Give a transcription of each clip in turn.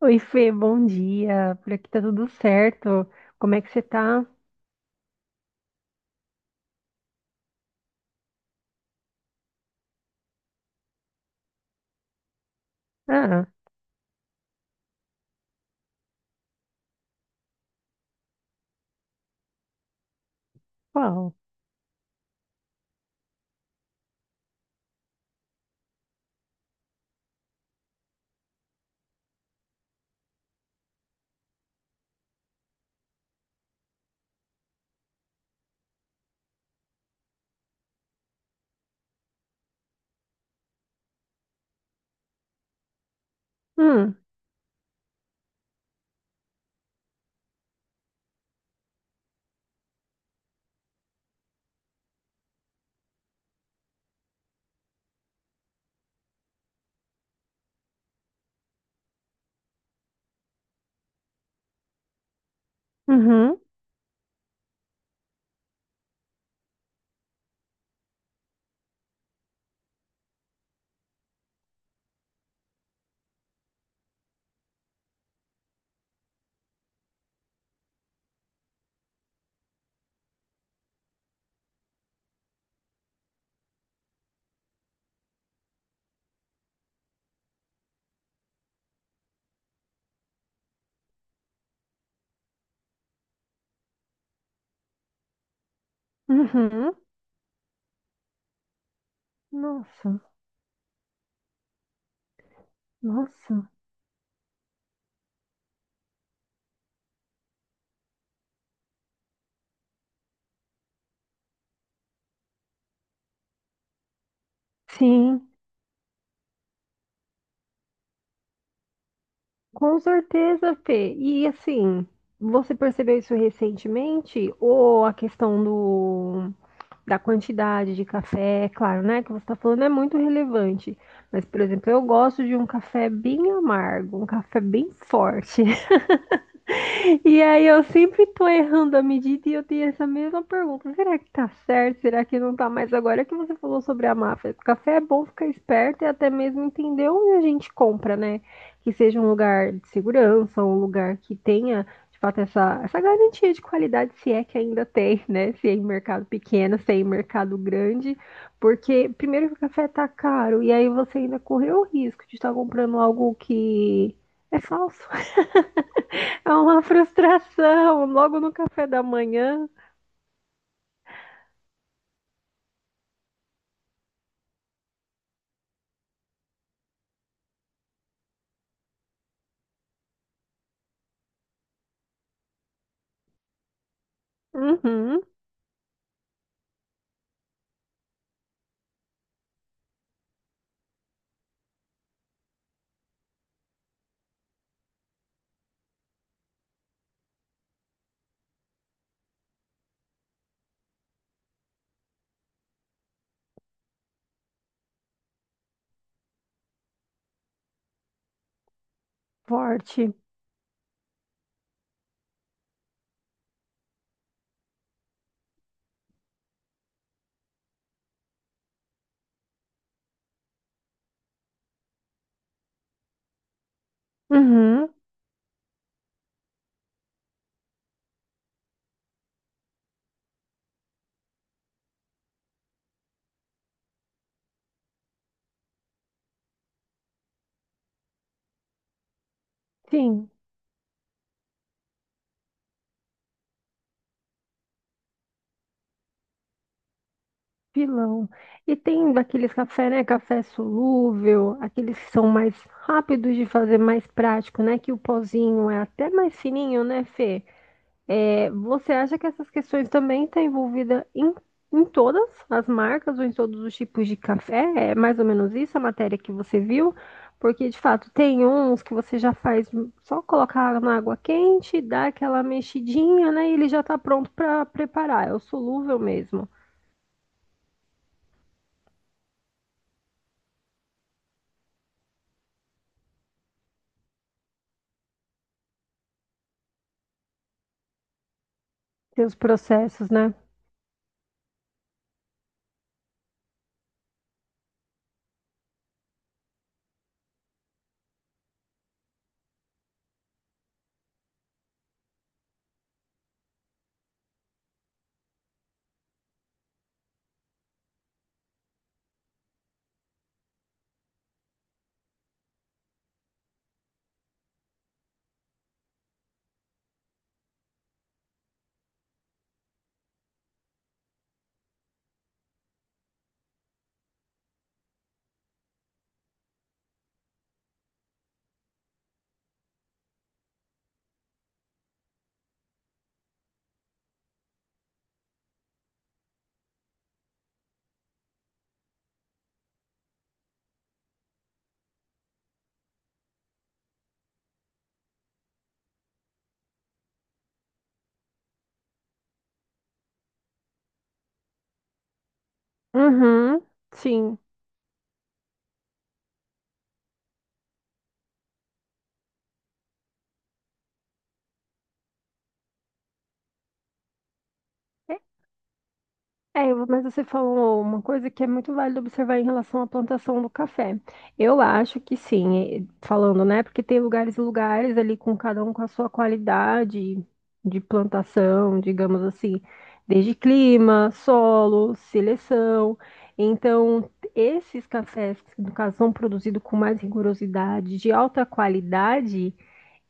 Oi, Fê, bom dia. Por aqui tá tudo certo. Como é que você tá? Ah, qual? Hum, uhum, uhum. Nossa, nossa. Sim, com certeza, Fê. E assim, você percebeu isso recentemente? Ou a questão do, da quantidade de café, é claro, né? Que você está falando é muito relevante. Mas, por exemplo, eu gosto de um café bem amargo, um café bem forte. E aí eu sempre tô errando a medida e eu tenho essa mesma pergunta. Será que tá certo? Será que não tá mais? Agora que você falou sobre a máfia, café é bom ficar esperto e até mesmo entender onde a gente compra, né? Que seja um lugar de segurança, um lugar que tenha, de fato, essa garantia de qualidade, se é que ainda tem, né? Se é em mercado pequeno, se é em mercado grande. Porque, primeiro, que o café tá caro e aí você ainda correu o risco de estar comprando algo que é falso. É uma frustração, logo no café da manhã. Uhum, forte. Uhum, sim, pilão. E tem daqueles café, né? Café solúvel, aqueles que são mais rápidos de fazer, mais prático, né? Que o pozinho é até mais fininho, né, Fê? É, você acha que essas questões também estão envolvidas em todas as marcas ou em todos os tipos de café? É mais ou menos isso a matéria que você viu? Porque, de fato, tem uns que você já faz só colocar na água quente, dá aquela mexidinha, né? E ele já está pronto para preparar. É o solúvel mesmo. Tem os processos, né? Uhum, sim. É, mas você falou uma coisa que é muito válido observar em relação à plantação do café. Eu acho que sim, falando, né? Porque tem lugares e lugares ali com cada um com a sua qualidade de plantação, digamos assim, desde clima, solo, seleção. Então, esses cafés que, no caso, são produzidos com mais rigorosidade, de alta qualidade.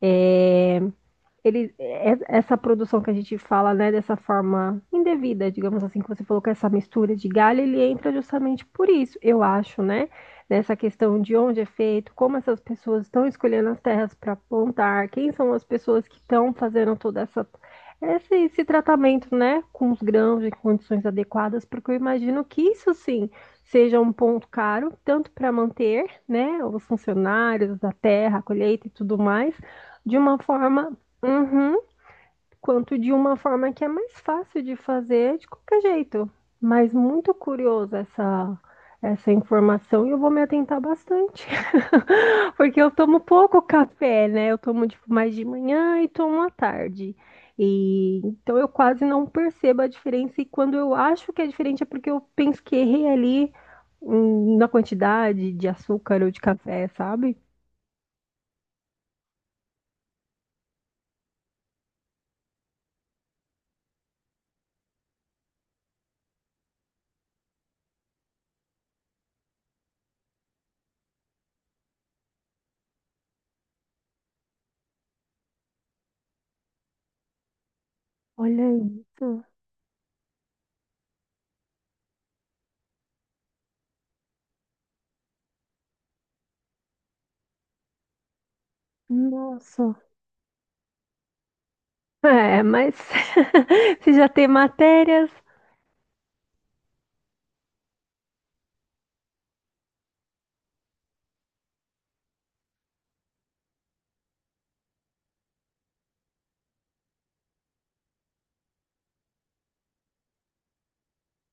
É, ele, essa produção que a gente fala, né, dessa forma indevida, digamos assim, que você falou com essa mistura de galho, ele entra justamente por isso, eu acho, né? Nessa questão de onde é feito, como essas pessoas estão escolhendo as terras para plantar, quem são as pessoas que estão fazendo toda essa esse tratamento, né, com os grãos em condições adequadas, porque eu imagino que isso sim seja um ponto caro, tanto para manter, né, os funcionários da terra, a colheita e tudo mais de uma forma. Uhum, quanto de uma forma que é mais fácil de fazer de qualquer jeito. Mas muito curiosa essa, essa informação e eu vou me atentar bastante. Porque eu tomo pouco café, né? Eu tomo tipo, mais de manhã e tomo à tarde. E então eu quase não percebo a diferença. E quando eu acho que é diferente é porque eu penso que errei ali, na quantidade de açúcar ou de café, sabe? Olha isso. Nossa. É, mas se já tem matérias.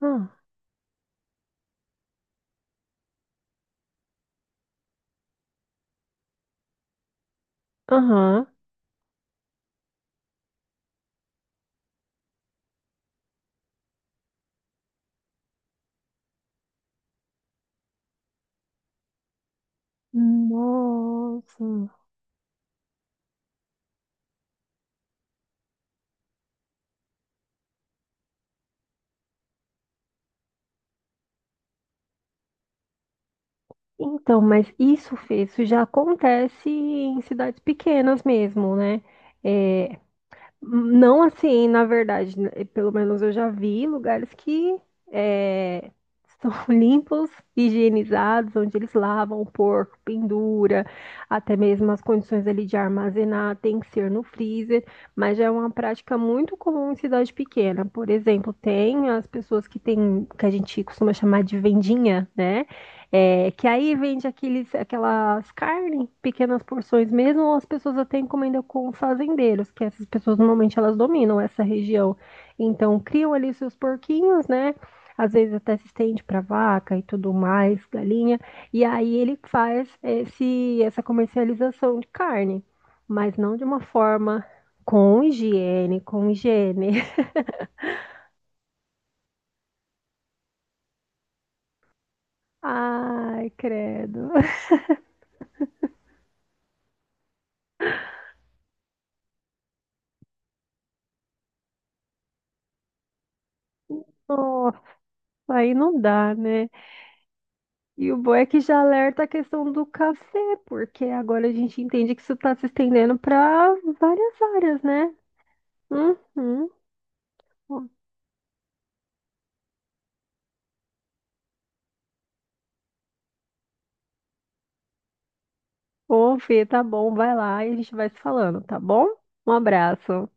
Ah, aham. Nossa. Então, mas isso, Fê, isso já acontece em cidades pequenas mesmo, né? É, não assim, na verdade, né, pelo menos eu já vi lugares que é, são limpos, higienizados, onde eles lavam o porco, pendura, até mesmo as condições ali de armazenar tem que ser no freezer, mas já é uma prática muito comum em cidade pequena. Por exemplo, tem as pessoas que tem, que a gente costuma chamar de vendinha, né? É, que aí vende aqueles, aquelas carnes, pequenas porções mesmo, ou as pessoas até encomendam com fazendeiros, que essas pessoas normalmente elas dominam essa região. Então criam ali seus porquinhos, né? Às vezes até se estende para vaca e tudo mais, galinha. E aí ele faz esse, essa comercialização de carne, mas não de uma forma com higiene, com higiene. Ai, credo. Nossa, aí não dá, né? E o bom é que já alerta a questão do café, porque agora a gente entende que isso está se estendendo para várias áreas, né? Uhum. Ô, Fê, tá bom, vai lá e a gente vai se falando, tá bom? Um abraço.